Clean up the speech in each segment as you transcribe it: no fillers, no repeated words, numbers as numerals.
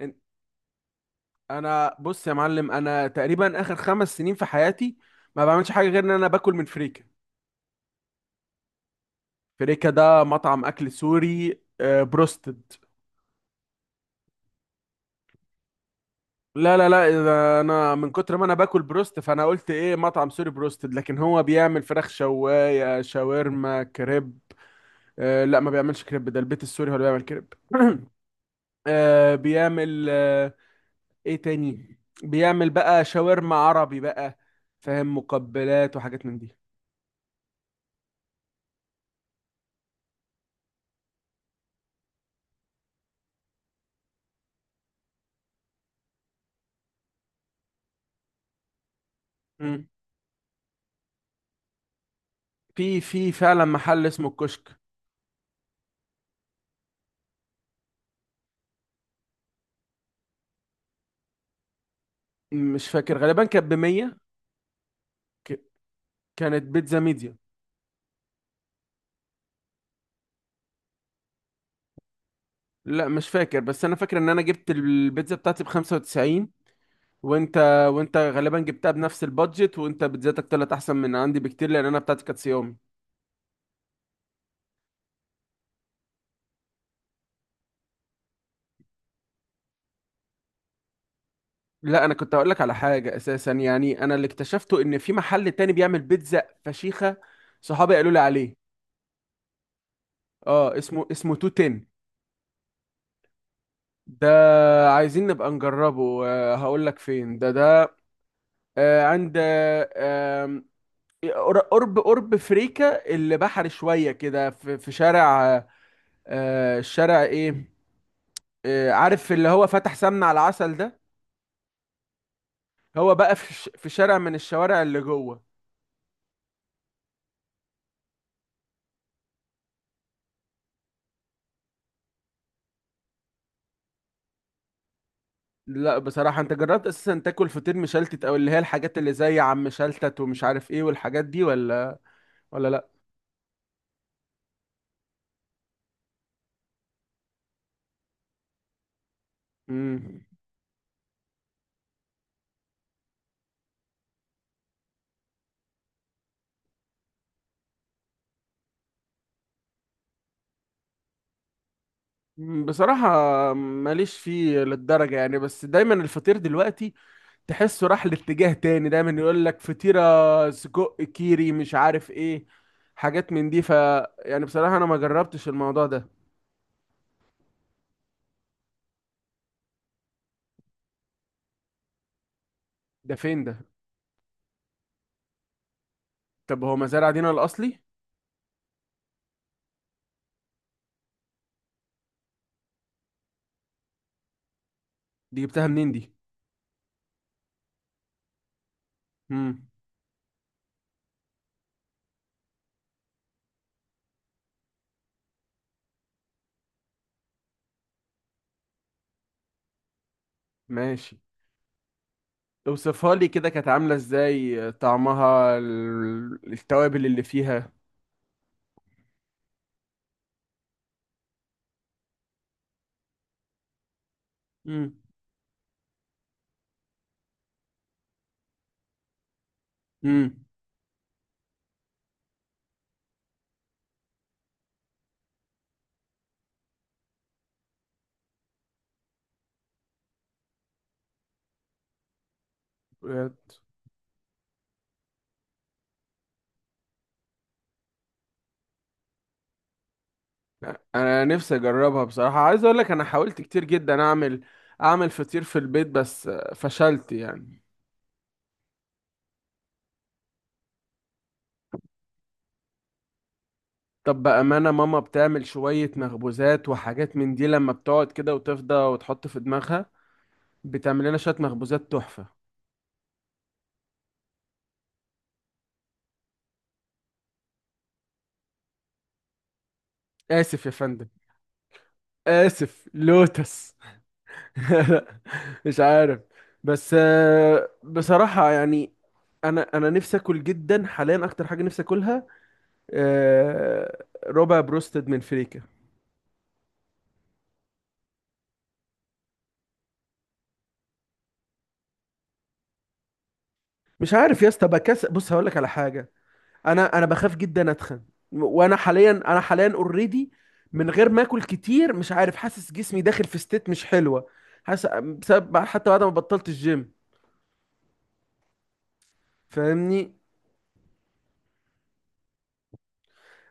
إن- انا بص يا معلم، انا تقريبا اخر 5 سنين في حياتي ما بعملش حاجه غير ان انا باكل من فريكه. فريكه ده مطعم اكل سوري، بروستد. لا، لا، لا، إذا انا من كتر ما انا باكل بروست فانا قلت ايه مطعم سوري بروستد، لكن هو بيعمل فراخ شوايه شاورما كريب. لا، ما بيعملش كريب، ده البيت السوري هو اللي بيعمل كريب. بيعمل، ايه تاني بيعمل بقى؟ شاورما عربي بقى. فاهم؟ مقبلات وحاجات من دي. في فعلا محل اسمه الكشك. مش فاكر، غالبا كانت ب 100. ك- كانت بيتزا ميديا. لا، مش فاكر، بس انا فاكر ان انا جبت البيتزا بتاعتي ب 95. وانت، وانت غالبا جبتها بنفس البادجت، وانت بيتزاتك طلعت احسن من عندي بكتير لان انا بتاعتي كانت صيامي. لا، انا كنت هقول لك على حاجه اساسا، يعني انا اللي اكتشفته ان في محل تاني بيعمل بيتزا فشيخه صحابي قالوا لي عليه. اه، اسمه 210 ده. عايزين نبقى نجربه. هقول لك فين ده. عند قرب فريكا، اللي بحري شويه كده، في شارع، الشارع ايه، عارف اللي هو فتح سمنة على العسل ده. هو بقى في شارع من الشوارع اللي جوه. لا، بصراحة انت جربت اساسا تاكل فطير مشلتت، او اللي هي الحاجات اللي زي عم شلتت ومش عارف ايه والحاجات دي، ولا لا. مم. بصراحة ماليش فيه للدرجة يعني، بس دايما الفطير دلوقتي تحسه راح لاتجاه تاني، دايما يقول لك فطيرة سجق كيري مش عارف ايه، حاجات من دي. ف يعني بصراحة انا ما جربتش الموضوع ده. ده فين ده؟ طب هو مزارع دينا الاصلي؟ دي جبتها منين دي؟ امم. ماشي. اوصفها لي كده، كانت عاملة ازاي؟ طعمها، التوابل اللي فيها؟ امم. امم. بجد. انا نفسي اجربها بصراحة، عايز اقول لك انا حاولت كتير جدا اعمل فطير في البيت بس فشلت يعني. طب بأمانة، ماما بتعمل شوية مخبوزات وحاجات من دي لما بتقعد كده وتفضى وتحط في دماغها، بتعمل لنا شوية مخبوزات تحفة. آسف يا فندم. آسف لوتس. مش عارف. بس بصراحة يعني، أنا نفسي أكل جدا حاليا. أكتر حاجة نفسي أكلها ربع بروستد من فريكة. مش عارف يا اسطى، بكسل. بص هقول لك على حاجة، انا بخاف جدا اتخن. وانا حاليا اوريدي من غير ما اكل كتير، مش عارف، حاسس جسمي داخل في ستيت مش حلوه، حاسس بسبب حتى بعد ما بطلت الجيم، فاهمني؟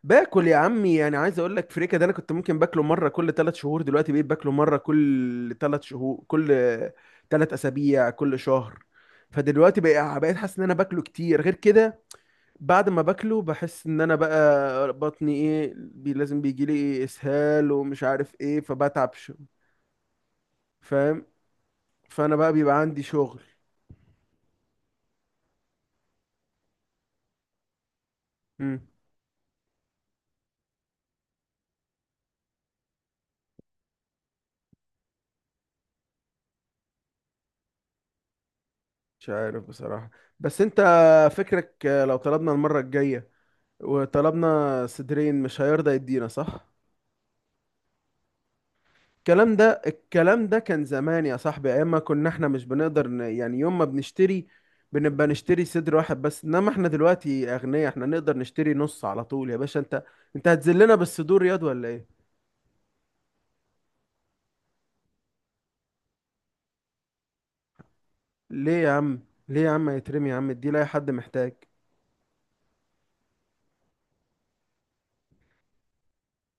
باكل يا عمي، يعني عايز اقول لك فريكه ده انا كنت ممكن باكله مره كل 3 شهور، دلوقتي بقيت باكله مره كل ثلاث شهور، كل 3 اسابيع، كل شهر. فدلوقتي بقى بقيت حاسس ان انا باكله كتير غير كده. بعد ما باكله بحس ان انا بقى بطني ايه بي لازم بيجي لي إيه اسهال ومش عارف ايه، فبتعب، فاهم؟ فانا بقى بيبقى عندي شغل. مم. مش عارف بصراحة، بس انت فكرك لو طلبنا المرة الجاية وطلبنا صدرين مش هيرضى يدينا، صح؟ الكلام ده كان زمان يا صاحبي، ايام ما كنا احنا مش بنقدر يعني يوم ما بنشتري بنبقى نشتري صدر واحد بس، انما احنا دلوقتي اغنياء، احنا نقدر نشتري نص على طول يا باشا. انت هتذلنا بالصدور ياض ولا ايه؟ ليه يا عم، ليه يا عم يترمي يا عم؟ دي لاي حد محتاج.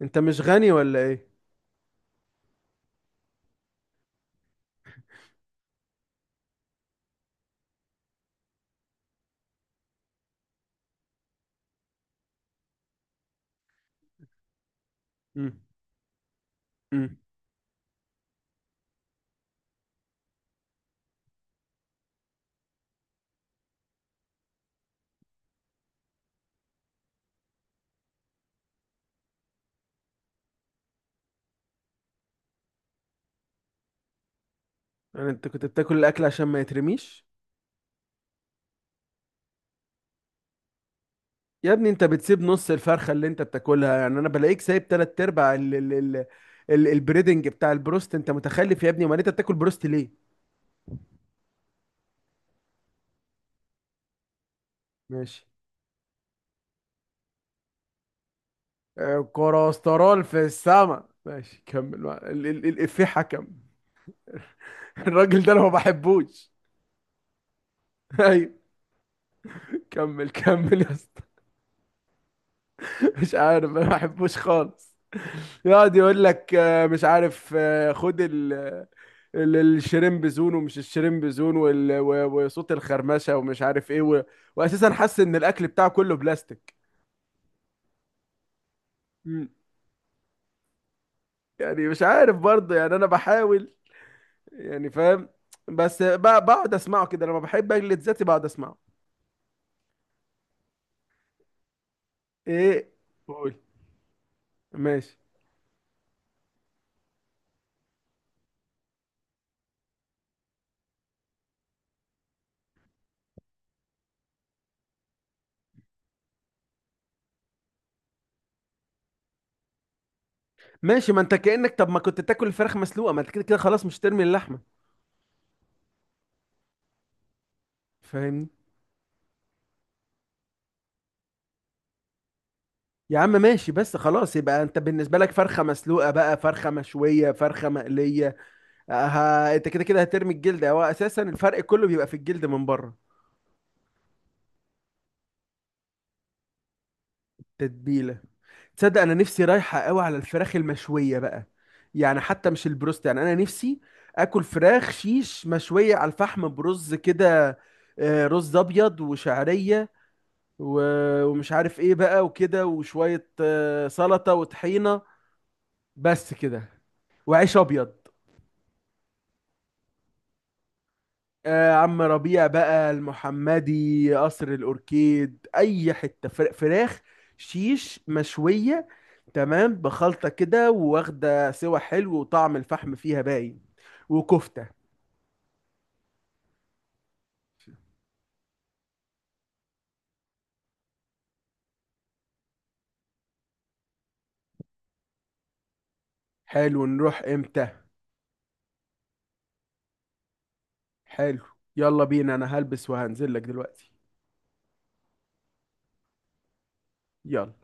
انت مش غني ولا ايه؟ امم. امم. يعني انت كنت بتاكل الاكل عشان ما يترميش؟ يا ابني انت بتسيب نص الفرخه اللي انت بتاكلها، يعني انا بلاقيك سايب تلات ارباع ال البريدنج بتاع البروست. انت متخلف يا ابني، امال انت بتاكل بروست ليه؟ ماشي. كوليسترول في السما، ماشي كمل بقى. ال ال الافيه حكم. الراجل ده انا ما بحبوش. ايوه. كمل كمل يا اسطى. مش عارف، انا ما بحبوش خالص. يقعد يقول لك مش عارف، خد ال، الشريمب زون ومش الشريمب زون، وصوت الخرمشة ومش عارف ايه واساسا حاسس ان الاكل بتاعه كله بلاستيك. مم. يعني مش عارف برضه، يعني انا بحاول يعني، فاهم. بس بقعد اسمعه كده، لما بحب اجلد ذاتي بقعد اسمعه. ايه؟ قول. ماشي. ماشي، ما انت كأنك، طب ما كنت تاكل الفراخ مسلوقة، ما انت كده كده خلاص مش ترمي اللحمة، فاهمني؟ يا عم ماشي، بس خلاص يبقى انت بالنسبه لك فرخه مسلوقه بقى، فرخه مشويه، فرخه مقليه، ها انت كده كده هترمي الجلد، هو اساسا الفرق كله بيبقى في الجلد من بره. تتبيله. تصدق انا نفسي رايحه قوي على الفراخ المشويه بقى، يعني حتى مش البروست، يعني انا نفسي اكل فراخ شيش مشويه على الفحم، برز كده، رز ابيض وشعريه، ومش عارف ايه بقى، وكده، وشويه سلطه وطحينه، بس كده، وعيش ابيض. عم ربيع بقى، المحمدي، قصر الأوركيد، أي حتة، فراخ شيش مشوية تمام بخلطة كده واخدة سوا حلو، وطعم الفحم فيها باين، وكفتة. حلو، نروح امتى؟ حلو. يلا بينا، انا هلبس وهنزل لك دلوقتي. يلا.